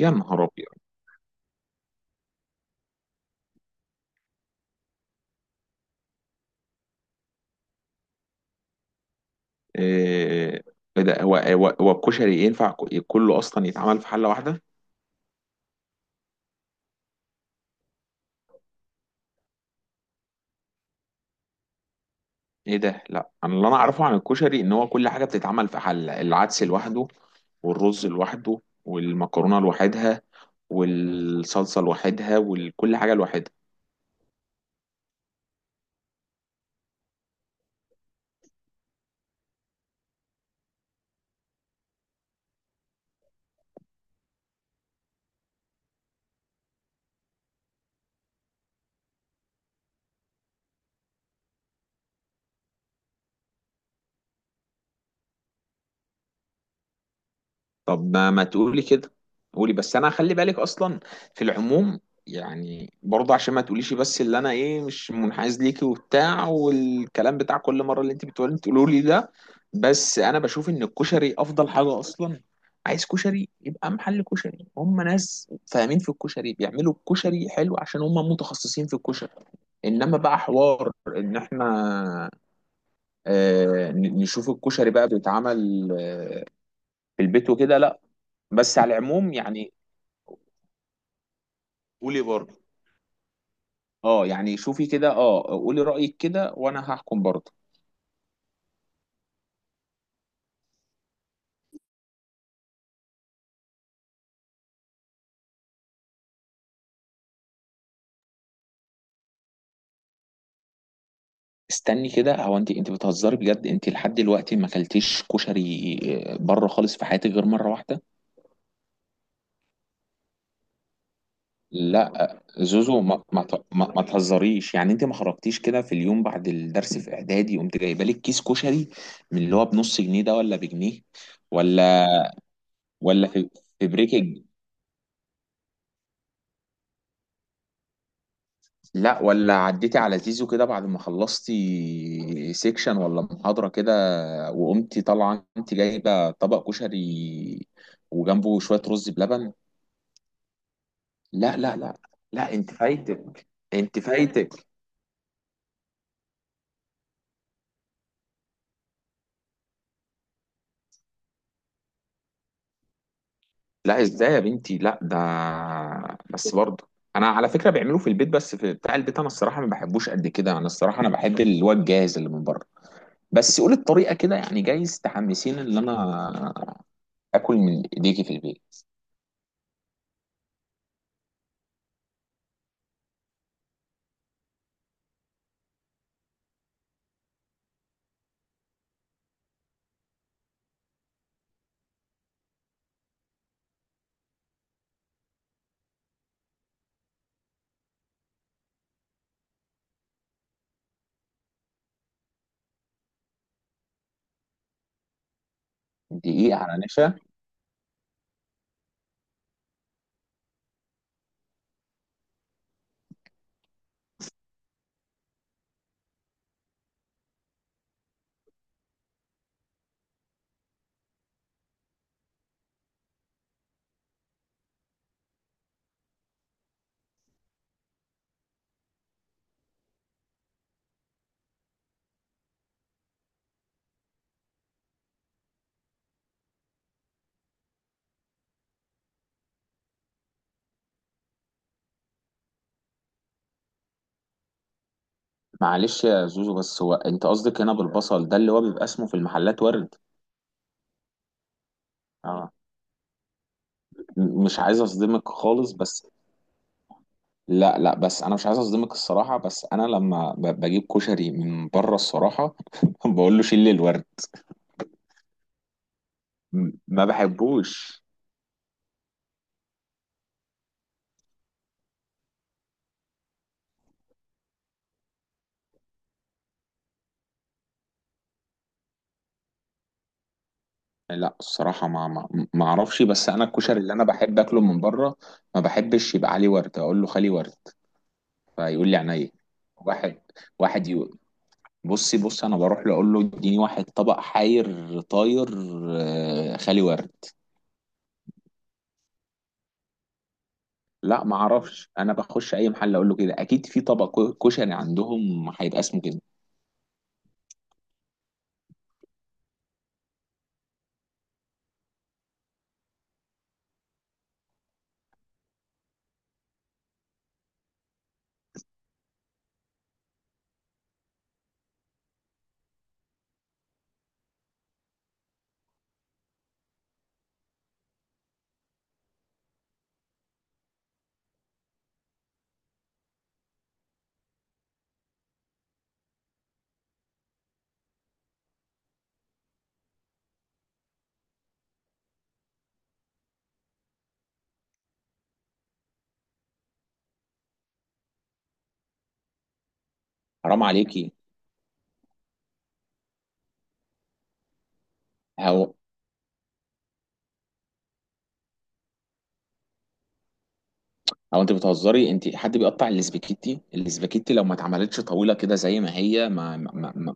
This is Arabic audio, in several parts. يا نهار ابيض! إيه؟ إيه ده؟ هو الكشري ينفع كله اصلا يتعمل في حله واحده؟ ايه ده؟ لا، انا اللي اعرفه عن الكشري ان هو كل حاجه بتتعمل في حله، العدس لوحده والرز لوحده والمكرونه لوحدها والصلصه لوحدها وكل حاجه لوحدها. طب ما تقولي كده، قولي بس، انا خلي بالك اصلا في العموم، يعني برضه عشان ما تقوليش بس اللي انا ايه مش منحاز ليكي وبتاع والكلام بتاع كل مره اللي انت بتقولي تقولوا لي ده. بس انا بشوف ان الكشري افضل حاجه اصلا، عايز كشري يبقى محل كشري، هم ناس فاهمين في الكشري، بيعملوا الكشري حلو عشان هم متخصصين في الكشري. انما بقى حوار ان احنا نشوف الكشري بقى بيتعمل في البيت وكده، لا. بس على العموم يعني. قولي برضه. اه يعني شوفي كده، اه قولي رأيك كده وانا هحكم برضه. استني كده، هو انت بتهزري بجد؟ انت لحد دلوقتي ما اكلتيش كشري بره خالص في حياتك غير مرة واحدة؟ لا زوزو، ما تهزريش، يعني انت ما خرجتيش كده في اليوم بعد الدرس في اعدادي قمت جايبه لك كيس كشري من اللي هو بنص جنيه ده ولا بجنيه؟ ولا ولا في في بريك؟ لا ولا عديتي على زيزو كده بعد ما خلصتي سيكشن ولا محاضرة كده وقمتي طالعة انت جايبة طبق كشري وجنبه شوية رز بلبن؟ لا لا لا لا، انت فايتك. انت فايتك. لا ازاي يا بنتي؟ لا ده بس برضه، انا على فكرة بعمله في البيت بس في بتاع البيت انا الصراحة ما بحبوش قد كده، انا الصراحة انا بحب اللي هو الجاهز اللي من بره. بس قولي الطريقة كده، يعني جايز تحمسيني ان انا اكل من ايديكي في البيت. دقيقة على نشا؟ معلش يا زوزو بس هو انت قصدك هنا بالبصل ده اللي هو بيبقى اسمه في المحلات ورد؟ اه. مش عايز اصدمك خالص بس. لا لا، بس انا مش عايز اصدمك الصراحه، بس انا لما بجيب كشري من بره الصراحه بقول له شيل لي الورد. ما بحبوش. لا الصراحه، ما اعرفش، بس انا الكشري اللي انا بحب اكله من بره ما بحبش يبقى عليه ورد، اقول له خلي ورد، فيقول لي عينيا. واحد، واحد يو- بصي بصي، انا بروح له اقول له اديني واحد طبق حاير طاير خالي ورد. لا ما اعرفش، انا بخش اي محل اقول له كده، اكيد في طبق كشري عندهم هيبقى اسمه كده. حرام عليكي! هو هو انت بتهزري؟ انت حد بيقطع الاسباجيتي؟ الاسباجيتي لو ما اتعملتش طويله كده زي ما هي ما.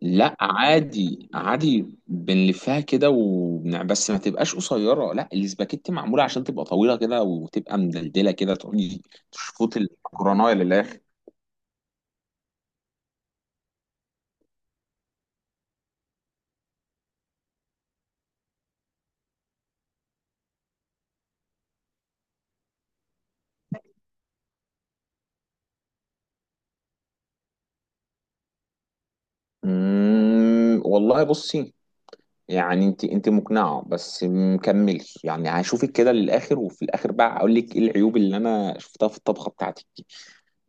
لا عادي عادي بنلفها كده وبنع بس ما تبقاش قصيره، لا الاسباجيتي معموله عشان تبقى طويله كده وتبقى مدلدله كده تقولي تشفط المكرونه للاخر. والله بصي، يعني انت مقنعه بس مكملش، يعني هشوفك كده للاخر وفي الاخر بقى اقول لك ايه العيوب اللي انا شفتها في الطبخه بتاعتك دي.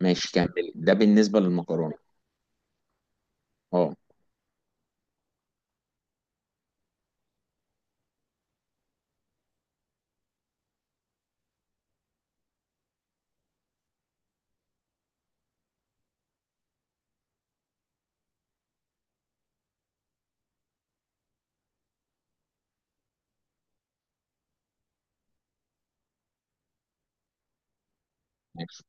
ماشي كملي، ده بالنسبه للمكرونه. اه ماشي.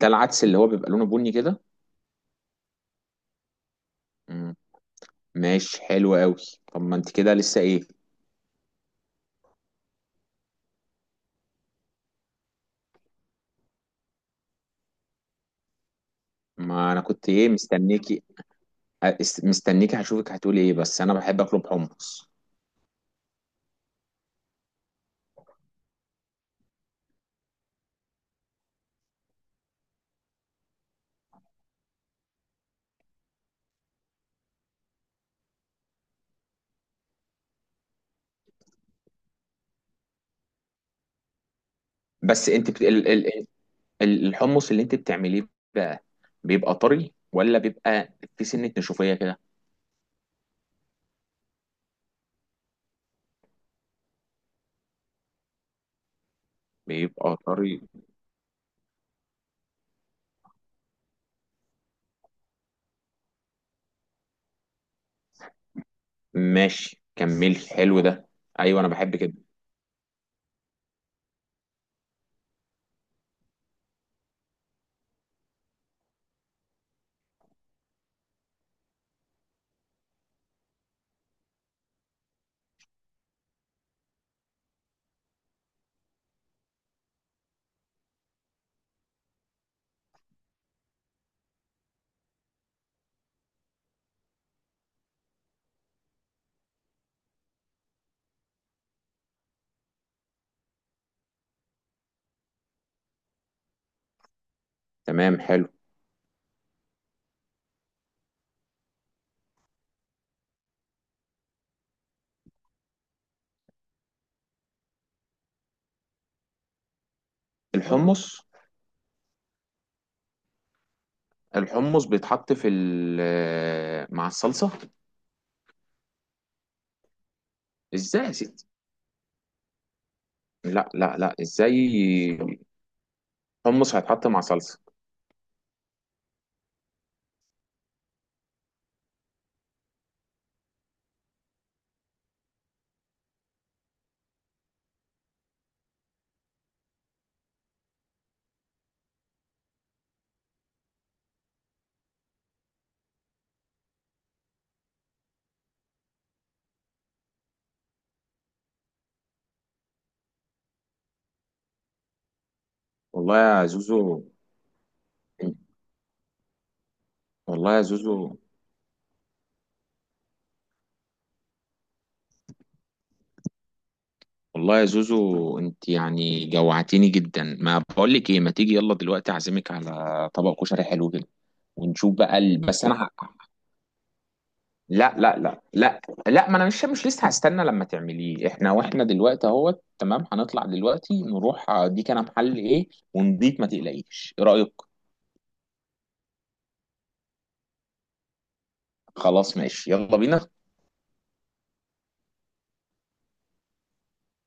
ده العدس اللي هو بيبقى لونه بني كده؟ مم. ماشي، حلو قوي. طب ما انت كده لسه ايه؟ ما انا كنت ايه مستنيكي. مستنيكي هشوفك هتقولي ايه، بس انا بحب اطلب حمص. بس انت بت... ال... ال... ال- الحمص اللي انت بتعمليه بقى بيبقى طري ولا بيبقى في سنة نشوفية كده؟ بيبقى طري. ماشي كملي، حلو ده. ايوه انا بحب كده. تمام، حلو اه. الحمص، الحمص بيتحط في مع الصلصة؟ ازاي يا ستي؟ لا لا لا، ازاي حمص هيتحط مع صلصة؟ والله يا زوزو. والله يا زوزو، والله يا زوزو، انت يعني جوعتيني جدا، ما بقول لك ايه، ما تيجي يلا دلوقتي اعزمك على طبق كشري حلو كده ونشوف بقى ال... بس انا ه... لا لا لا لا لا، ما انا مش لسه هستنى لما تعمليه، احنا واحنا دلوقتي اهوت تمام، هنطلع دلوقتي نروح اديك انا محل ايه ونضيف، ما تقلقيش، ايه رايك؟ خلاص ماشي، يلا بينا.